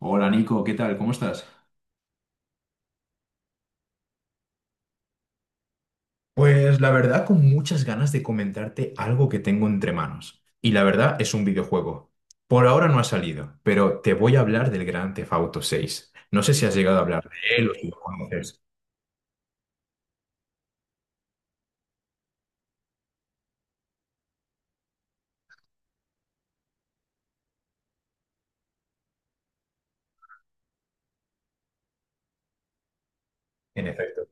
Hola Nico, ¿qué tal? ¿Cómo estás? Pues la verdad, con muchas ganas de comentarte algo que tengo entre manos. Y la verdad es un videojuego. Por ahora no ha salido, pero te voy a hablar del Grand Theft Auto 6. No sé si has llegado a hablar de él o si lo conoces. En efecto.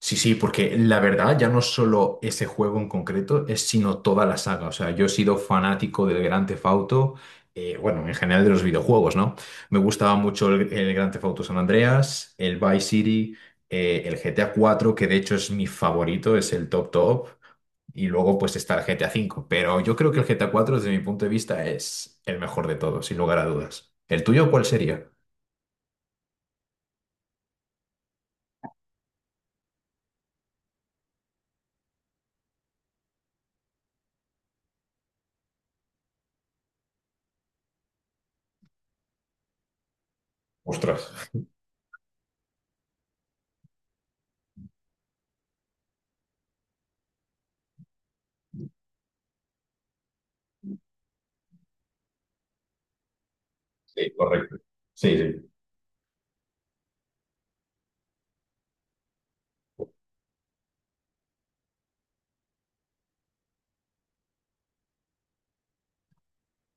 Sí, sí, porque la verdad ya no es solo ese juego en concreto, es sino toda la saga. O sea, yo he sido fanático del Gran Theft Auto, bueno, en general de los videojuegos, ¿no? Me gustaba mucho el Gran Theft Auto San Andreas, el Vice City, el GTA 4 que de hecho es mi favorito, es el top top, y luego pues está el GTA 5. Pero yo creo que el GTA 4 desde mi punto de vista, es el mejor de todos, sin lugar a dudas. ¿El tuyo cuál sería? Ostras, sí, correcto. Sí, sí.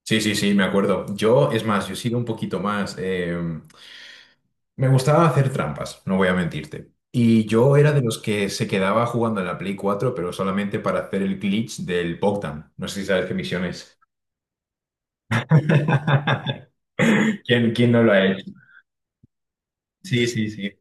Sí, sí, sí, me acuerdo. Yo, es más, yo he sido un poquito más... me gustaba hacer trampas, no voy a mentirte. Y yo era de los que se quedaba jugando en la Play 4 pero solamente para hacer el glitch del Bogdan. No sé si sabes qué misión es. ¿Quién, quién no lo ha hecho? Sí, sí, sí.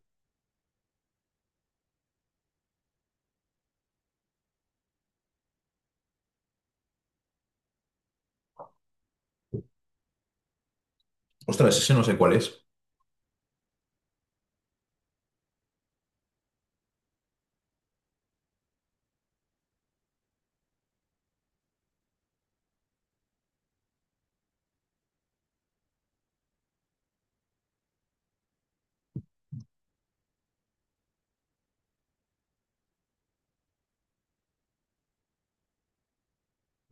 Ostras, ese no sé cuál es.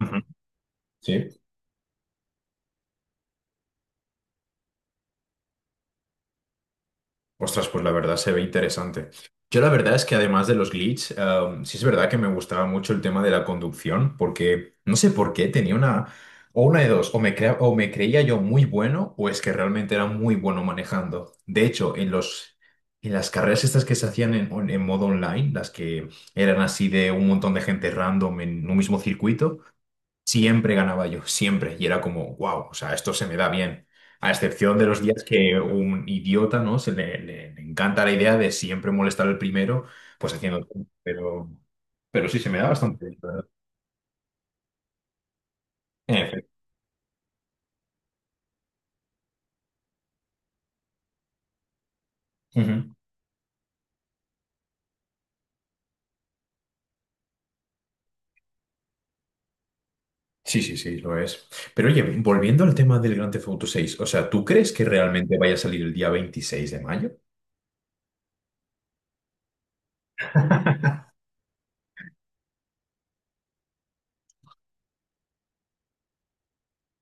Ujú. Sí. Ostras, pues la verdad se ve interesante. Yo la verdad es que además de los glitches, sí es verdad que me gustaba mucho el tema de la conducción, porque no sé por qué tenía una, o una de dos, o me creía yo muy bueno, o es que realmente era muy bueno manejando. De hecho, en las carreras estas que se hacían en modo online, las que eran así de un montón de gente random en un mismo circuito, siempre ganaba yo, siempre. Y era como, wow, o sea, esto se me da bien. A excepción de los días que un idiota, ¿no? Se le encanta la idea de siempre molestar al primero, pues haciendo... todo. Pero sí, se me da bastante bien, la verdad. En efecto. Ujú. Sí, sí, sí, lo es. Pero oye, volviendo al tema del Grand Theft Auto 6, o sea, ¿tú crees que realmente vaya a salir el día 26 de mayo?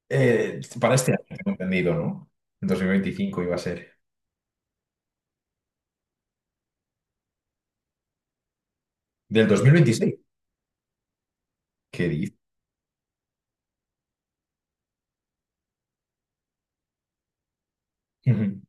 ¿Para este año, tengo entendido, no? En 2025 iba a ser. ¿Del 2026? ¿Qué dices? Ujú.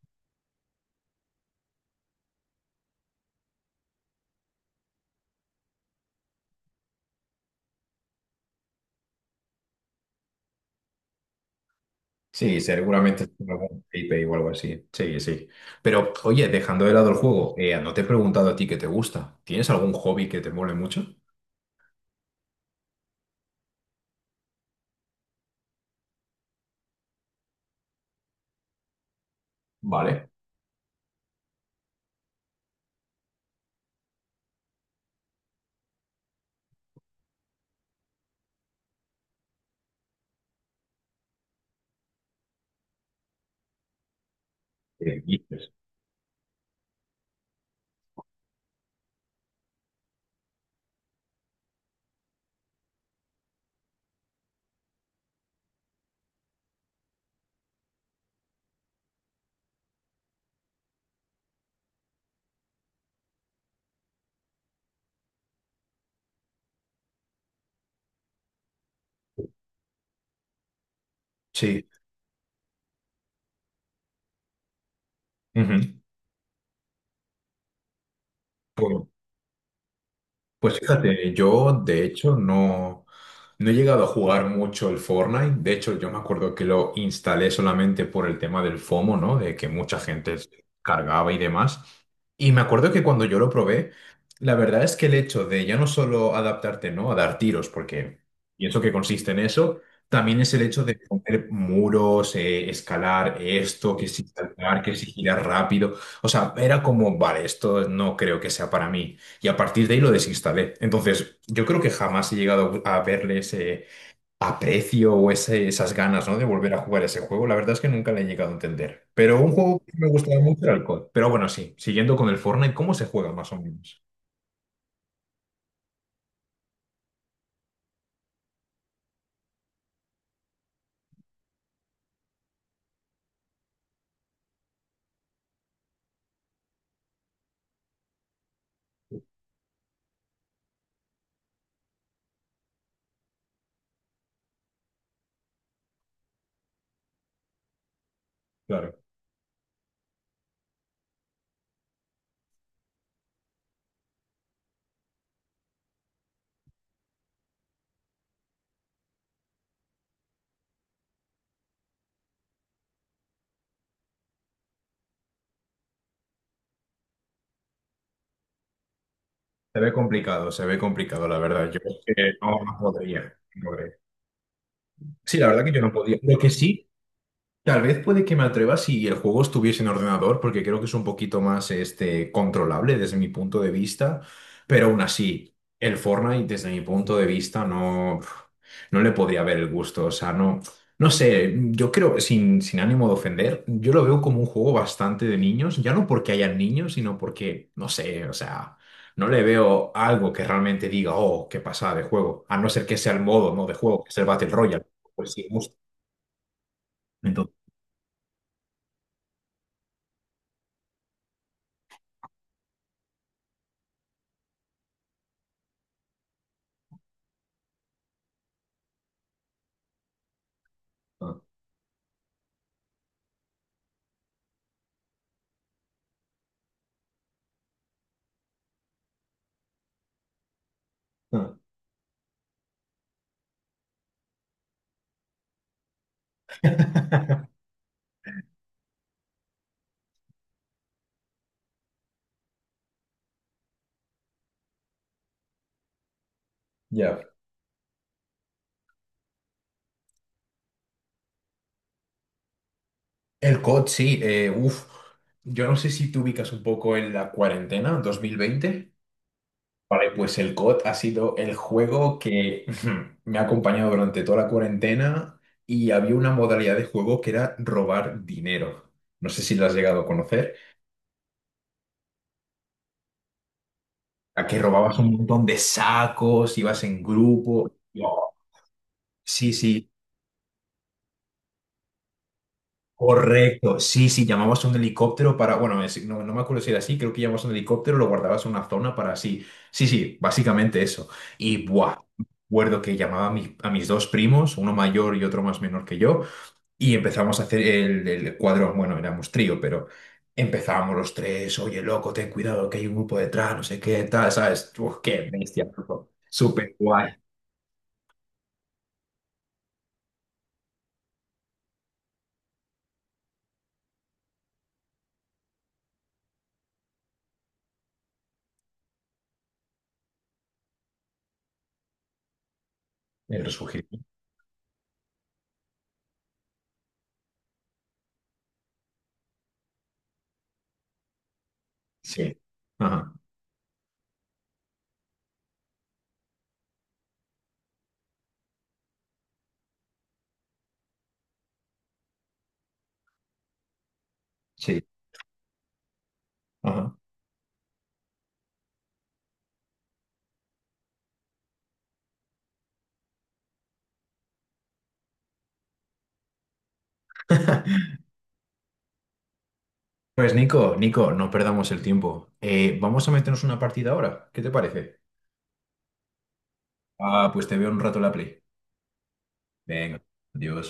Sí, seguramente es algún IP o algo así. Sí, sí. Pero, oye, dejando de lado el juego, no te he preguntado a ti qué te gusta. ¿Tienes algún hobby que te mole mucho? Vale. ¿Dices? Sí. Ujú. Pues Pues fíjate, yo de hecho no, no he llegado a jugar mucho el Fortnite. De hecho, yo me acuerdo que lo instalé solamente por el tema del FOMO, ¿no? De que mucha gente se cargaba y demás. Y me acuerdo que cuando yo lo probé, la verdad es que el hecho de ya no solo adaptarte, ¿no? A dar tiros, porque pienso que consiste en eso, también es el hecho de poner muros, escalar esto, que si saltar, que si girar rápido. O sea, era como, vale, esto no creo que sea para mí. Y a partir de ahí lo desinstalé. Entonces, yo creo que jamás he llegado a verle ese aprecio o esas ganas, ¿no? de volver a jugar ese juego. La verdad es que nunca le he llegado a entender. Pero un juego que me gustaba mucho era el COD. Pero bueno, sí, siguiendo con el Fortnite, ¿cómo se juega más o menos? Claro, se ve complicado, la verdad. Yo es que no, no podría. No podría. Sí, la verdad que yo no podía. Lo que sí, tal vez puede que me atreva si el juego estuviese en ordenador, porque creo que es un poquito más este, controlable desde mi punto de vista, pero aún así, el Fortnite desde mi punto de vista no, no le podría ver el gusto, o sea, no, no sé, yo creo, sin ánimo de ofender, yo lo veo como un juego bastante de niños, ya no porque hayan niños, sino porque, no sé, o sea, no le veo algo que realmente diga, oh, qué pasada de juego, a no ser que sea el modo, ¿no? de juego, que es el Battle Royale, pues sí, justo. Entonces... ah, ah. Ya. El COD, sí, uf. Yo no sé si te ubicas un poco en la cuarentena 2020. Vale, pues el COD ha sido el juego que me ha acompañado durante toda la cuarentena y había una modalidad de juego que era robar dinero. No sé si lo has llegado a conocer. A que robabas un montón de sacos, ibas en grupo. Oh, sí, sí. Correcto, sí, sí, llamabas a un helicóptero para, bueno, no, no me acuerdo si era así, creo que llamabas a un helicóptero, lo guardabas en una zona para así, sí, sí, básicamente eso. Y, buah, recuerdo que llamaba a mis dos primos, uno mayor y otro más menor que yo, y empezamos a hacer el cuadro, bueno, éramos trío, pero empezábamos los tres, oye, loco, ten cuidado, que hay un grupo detrás, no sé qué, tal, ¿sabes? Uf, qué bestia, loco. Súper guay el resurgir. Sí, ajá, sí, ajá. Pues Nico, Nico, no perdamos el tiempo. Vamos a meternos una partida ahora. ¿Qué te parece? Ah, pues te veo en un rato en la Play. Venga, adiós.